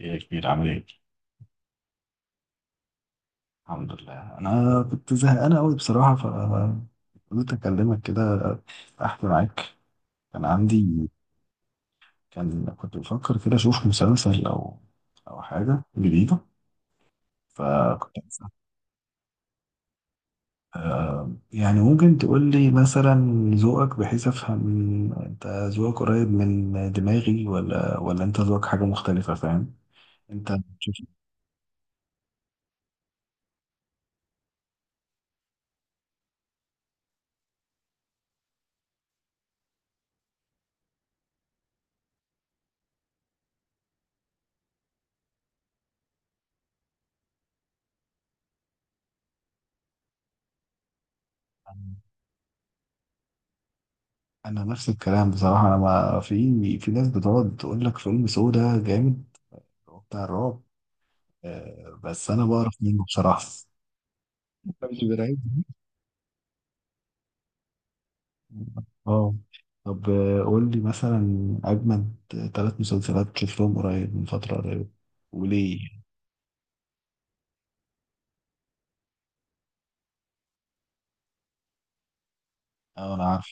ايه يا كبير، عامل ايه؟ الحمد لله، انا كنت زهقان قوي بصراحه، فقلت اكلمك كده، احكي معاك. كان عندي كان كنت بفكر كده اشوف مسلسل او حاجه جديده، فكنت عايز أفهم. يعني ممكن تقول لي مثلا ذوقك، بحيث افهم انت ذوقك قريب من دماغي ولا انت ذوقك حاجه مختلفه، فاهم؟ انت بتشوف. انا نفس الكلام بصراحه. انا ما في ناس بتقعد تقول لك فيلم سودا جامد بتاع الرعب. بس انا بعرف منه بصراحه. مش برعب. اه. طب، قول لي مثلا اجمد 3 مسلسلات شفتهم قريب من فتره قريبه، وليه. اه انا عارف.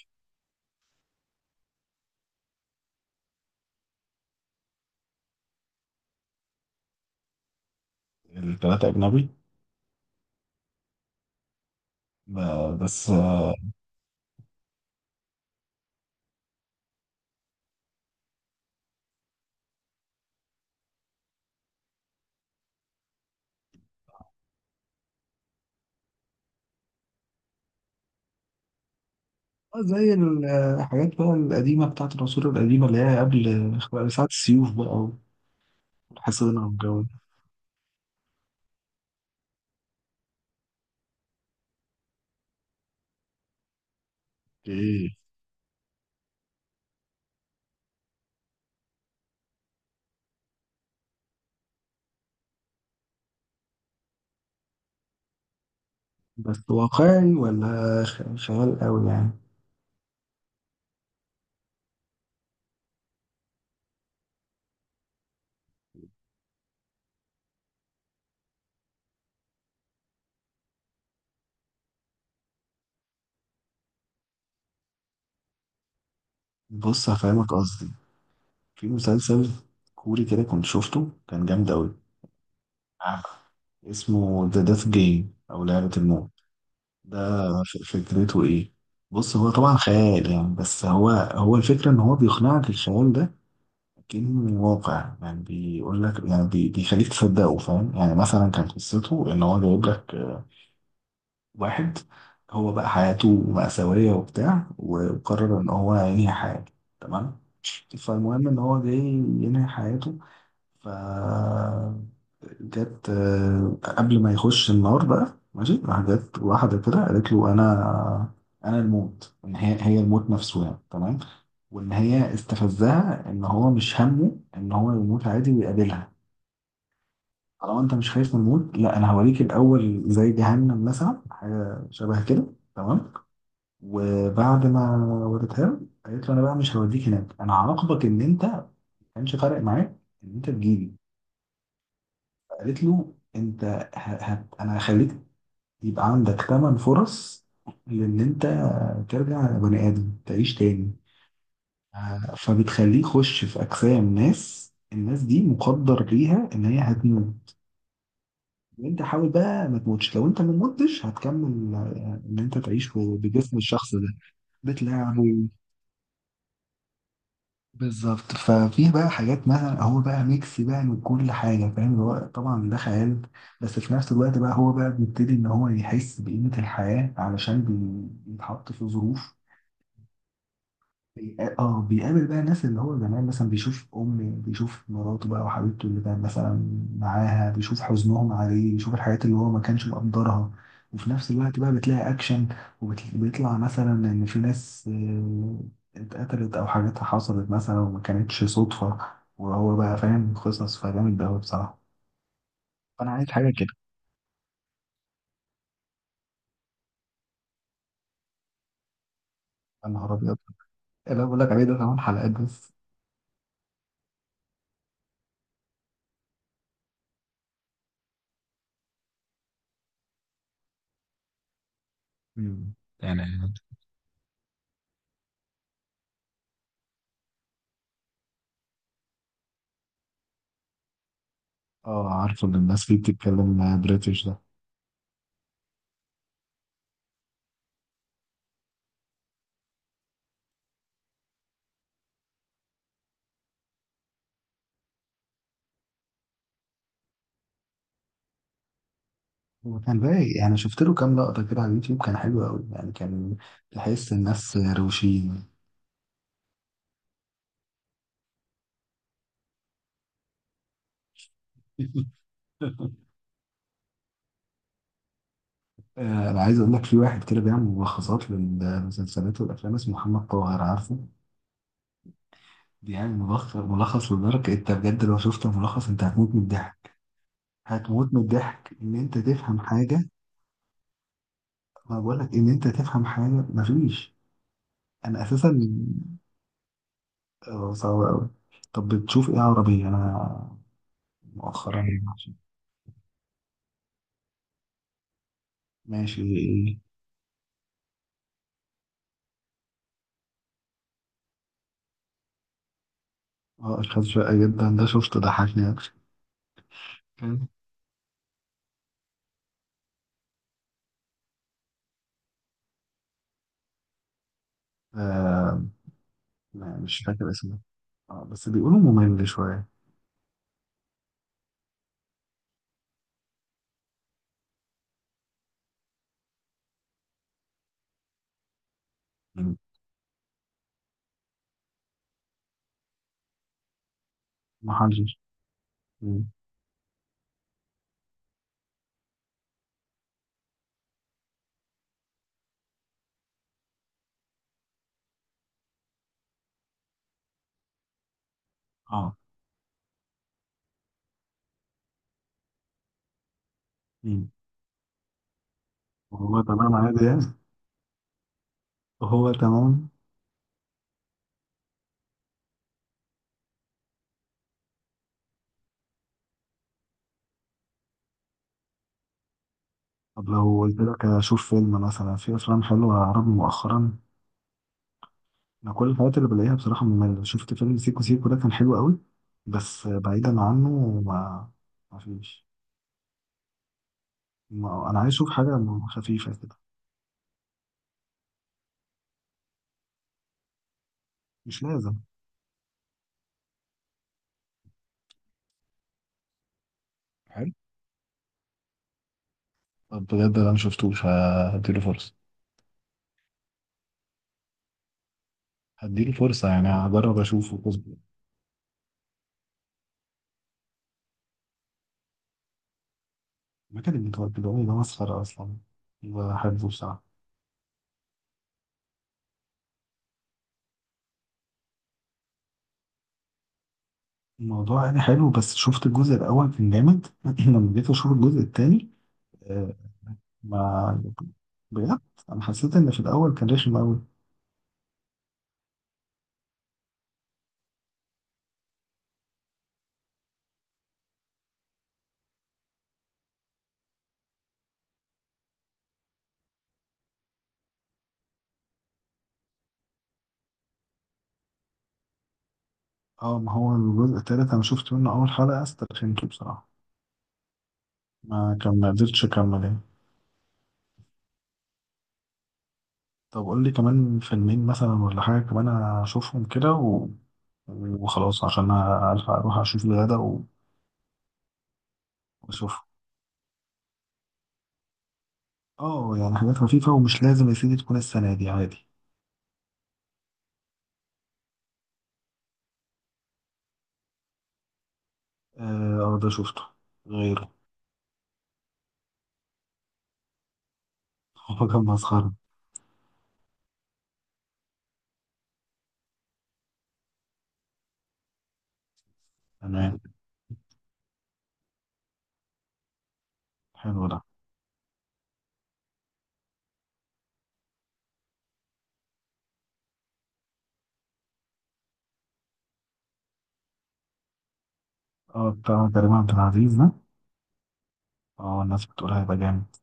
الثلاثه اجنبي. بس زي الحاجات بقى القديمه بتاعت العصور القديمه اللي هي قبل، ساعة السيوف بقى، والحصانة والجو ده. ايه. بس واقعي ولا خيال قوي يعني؟ بص هفهمك قصدي. في مسلسل كوري كده كنت شفته، كان جامد أوي. عارف. اسمه ذا ديث جيم أو لعبة الموت. ده فكرته إيه؟ بص هو طبعا خيال يعني، بس هو هو الفكرة إن هو بيقنعك الخيال ده كأنه واقع. يعني بيقول لك، يعني بيخليك تصدقه، فاهم؟ يعني مثلا كان قصته إن هو جايب لك، واحد، هو بقى حياته مأساوية وبتاع، وقرر إن هو ينهي حياته. تمام. فالمهم إن هو جاي ينهي حياته، ف جت، قبل ما يخش النار بقى، ماشي راح، جت واحدة كده قالت له أنا الموت، إن هي الموت نفسه يعني. تمام. وإن هي استفزها إن هو مش همه إن هو يموت عادي ويقابلها. طالما أنت مش خايف من الموت، لا أنا هوريك الأول زي جهنم مثلا، حاجة شبه كده. تمام. وبعد ما وريتها له، قالت له أنا بقى مش هوديك هناك، أنا هعاقبك إن أنت ما كانش فارق معاك إن أنت تجيلي. قالت له انت، انا هخليك يبقى عندك 8 فرص لان انت ترجع بني ادم تعيش تاني. فبتخليه يخش في اجسام الناس دي مقدر ليها ان هي هتموت، وانت حاول بقى ما تموتش. لو انت ما متش هتكمل، ان انت تعيش بجسم الشخص ده. بتلعبه بالظبط. ففيه بقى حاجات مثلا، هو بقى ميكس بقى من كل حاجة، فاهم؟ اللي هو طبعا ده خيال، بس في نفس الوقت بقى هو بقى بيبتدي إن هو يحس بقيمة الحياة علشان بيتحط في ظروف. بيقابل بقى الناس اللي هو زمان مثلا، بيشوف امه، بيشوف مراته بقى وحبيبته اللي كان مثلا معاها، بيشوف حزنهم عليه، بيشوف الحاجات اللي هو ما كانش مقدرها. وفي نفس الوقت بقى بتلاقي اكشن، وبيطلع مثلا ان في ناس اتقتلت او حاجاتها حصلت مثلا وما كانتش صدفة. وهو بقى فاهم قصص. فجامد ده أوي بصراحة. فانا عايز حاجة كده. يا نهار ابيض، اللي أنا بقول لك عليه ده كمان حلقات بس. مم. يعني اه، عارفه ان الناس فيه بتتكلم بريتش ده. هو كان رايق يعني، شفت له كام لقطة كده على اليوتيوب، كان حلو قوي يعني. كان تحس الناس روشين. انا عايز اقول لك، في واحد كده بيعمل ملخصات للمسلسلات والافلام اسمه محمد طاهر، عارفه؟ بيعمل ملخص لدرجة إيه؟ انت بجد لو شفت الملخص انت هتموت من الضحك. هتموت من الضحك ان انت تفهم حاجة. ما بقول لك ان انت تفهم حاجة، مفيش. انا اساسا صعب قوي. طب بتشوف ايه عربي انا مؤخرا؟ ماشي. ايه؟ اه، اشخاص شقة جدا ده شفته، ضحكني يعني. كان آه ما- مش فاكر اسمه. اه بس بيقولوا ممل شوية يعني. محرج. مم. اه. مم. وهو تمام عادي يعني؟ وهو تمام؟ طب لو قلت لك اشوف فيلم، مثلا في افلام حلوة عربي مؤخرا؟ انا كل الحاجات اللي بلاقيها بصراحة مملة. شفت فيلم سيكو سيكو ده كان حلو قوي، بس بعيدا عنه ما فيش. ما... انا عايز اشوف حاجة خفيفة كده. مش لازم. حلو. طب بجد انا مشفتوش، هديله فرصة. هديله فرصة يعني، هجرب أشوفه بس. المكان اللي بيقولوا ده مسخرة أصلا، بحبه بصراحة. الموضوع يعني حلو، بس شفت الجزء الأول كان جامد. لما جيت أشوف الجزء التاني، آه، ما بجد أنا حسيت إن في الأول كان رخم أوي. أه، ما هو الجزء التالت أنا شفت منه أول حلقة، استرخمته بصراحة. ما قدرتش أكمل يعني. طب قول لي كمان فيلمين مثلا، ولا حاجة كمان أشوفهم كده و... وخلاص عشان ألحق أروح أشوف الغدا و... وأشوف. اه يعني حاجات خفيفة، ومش لازم يا سيدي تكون السنة دي، عادي. اه، ده شفته. غيره. هو كان مسخرة. تمام. حلو ده. اه، بتاع كريم عبد العزيز ده. اه، الناس بتقول هيبقى جامد.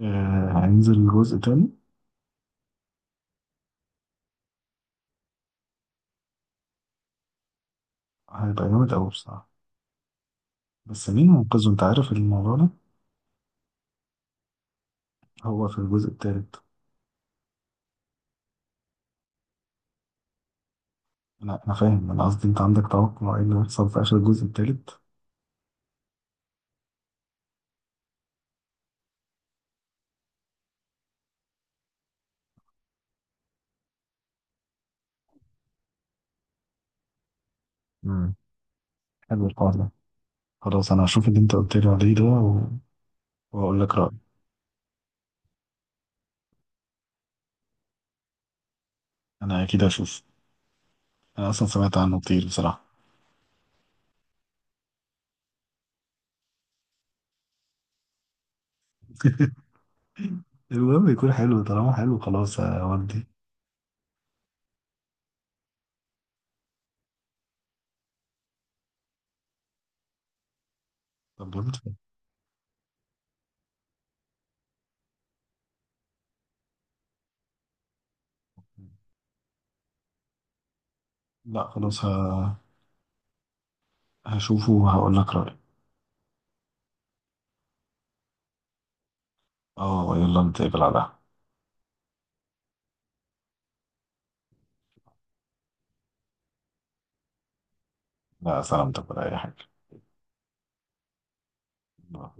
آه، هينزل جزء تاني. هيبقى جامد أوي بصراحة. بس مين منقذه؟ انت عارف الموضوع ده. هو في الجزء التالت. لا انا فاهم، انا قصدي انت عندك توقع ايه اللي هيحصل في اخر الجزء التالت. امم حلو الحوار ده. خلاص انا هشوف اللي انت قلت لي عليه ده و... واقول لك رأيي. انا اكيد هشوف. انا اصلا سمعت عنه كتير بصراحة. المهم يكون حلو، طالما حلو خلاص، هودي. طب وانت؟ لا خلاص هشوفه وهقول لك رأيي. اه يلا، نتقابل على القهوة. لا سلامتك ولا أي حاجة.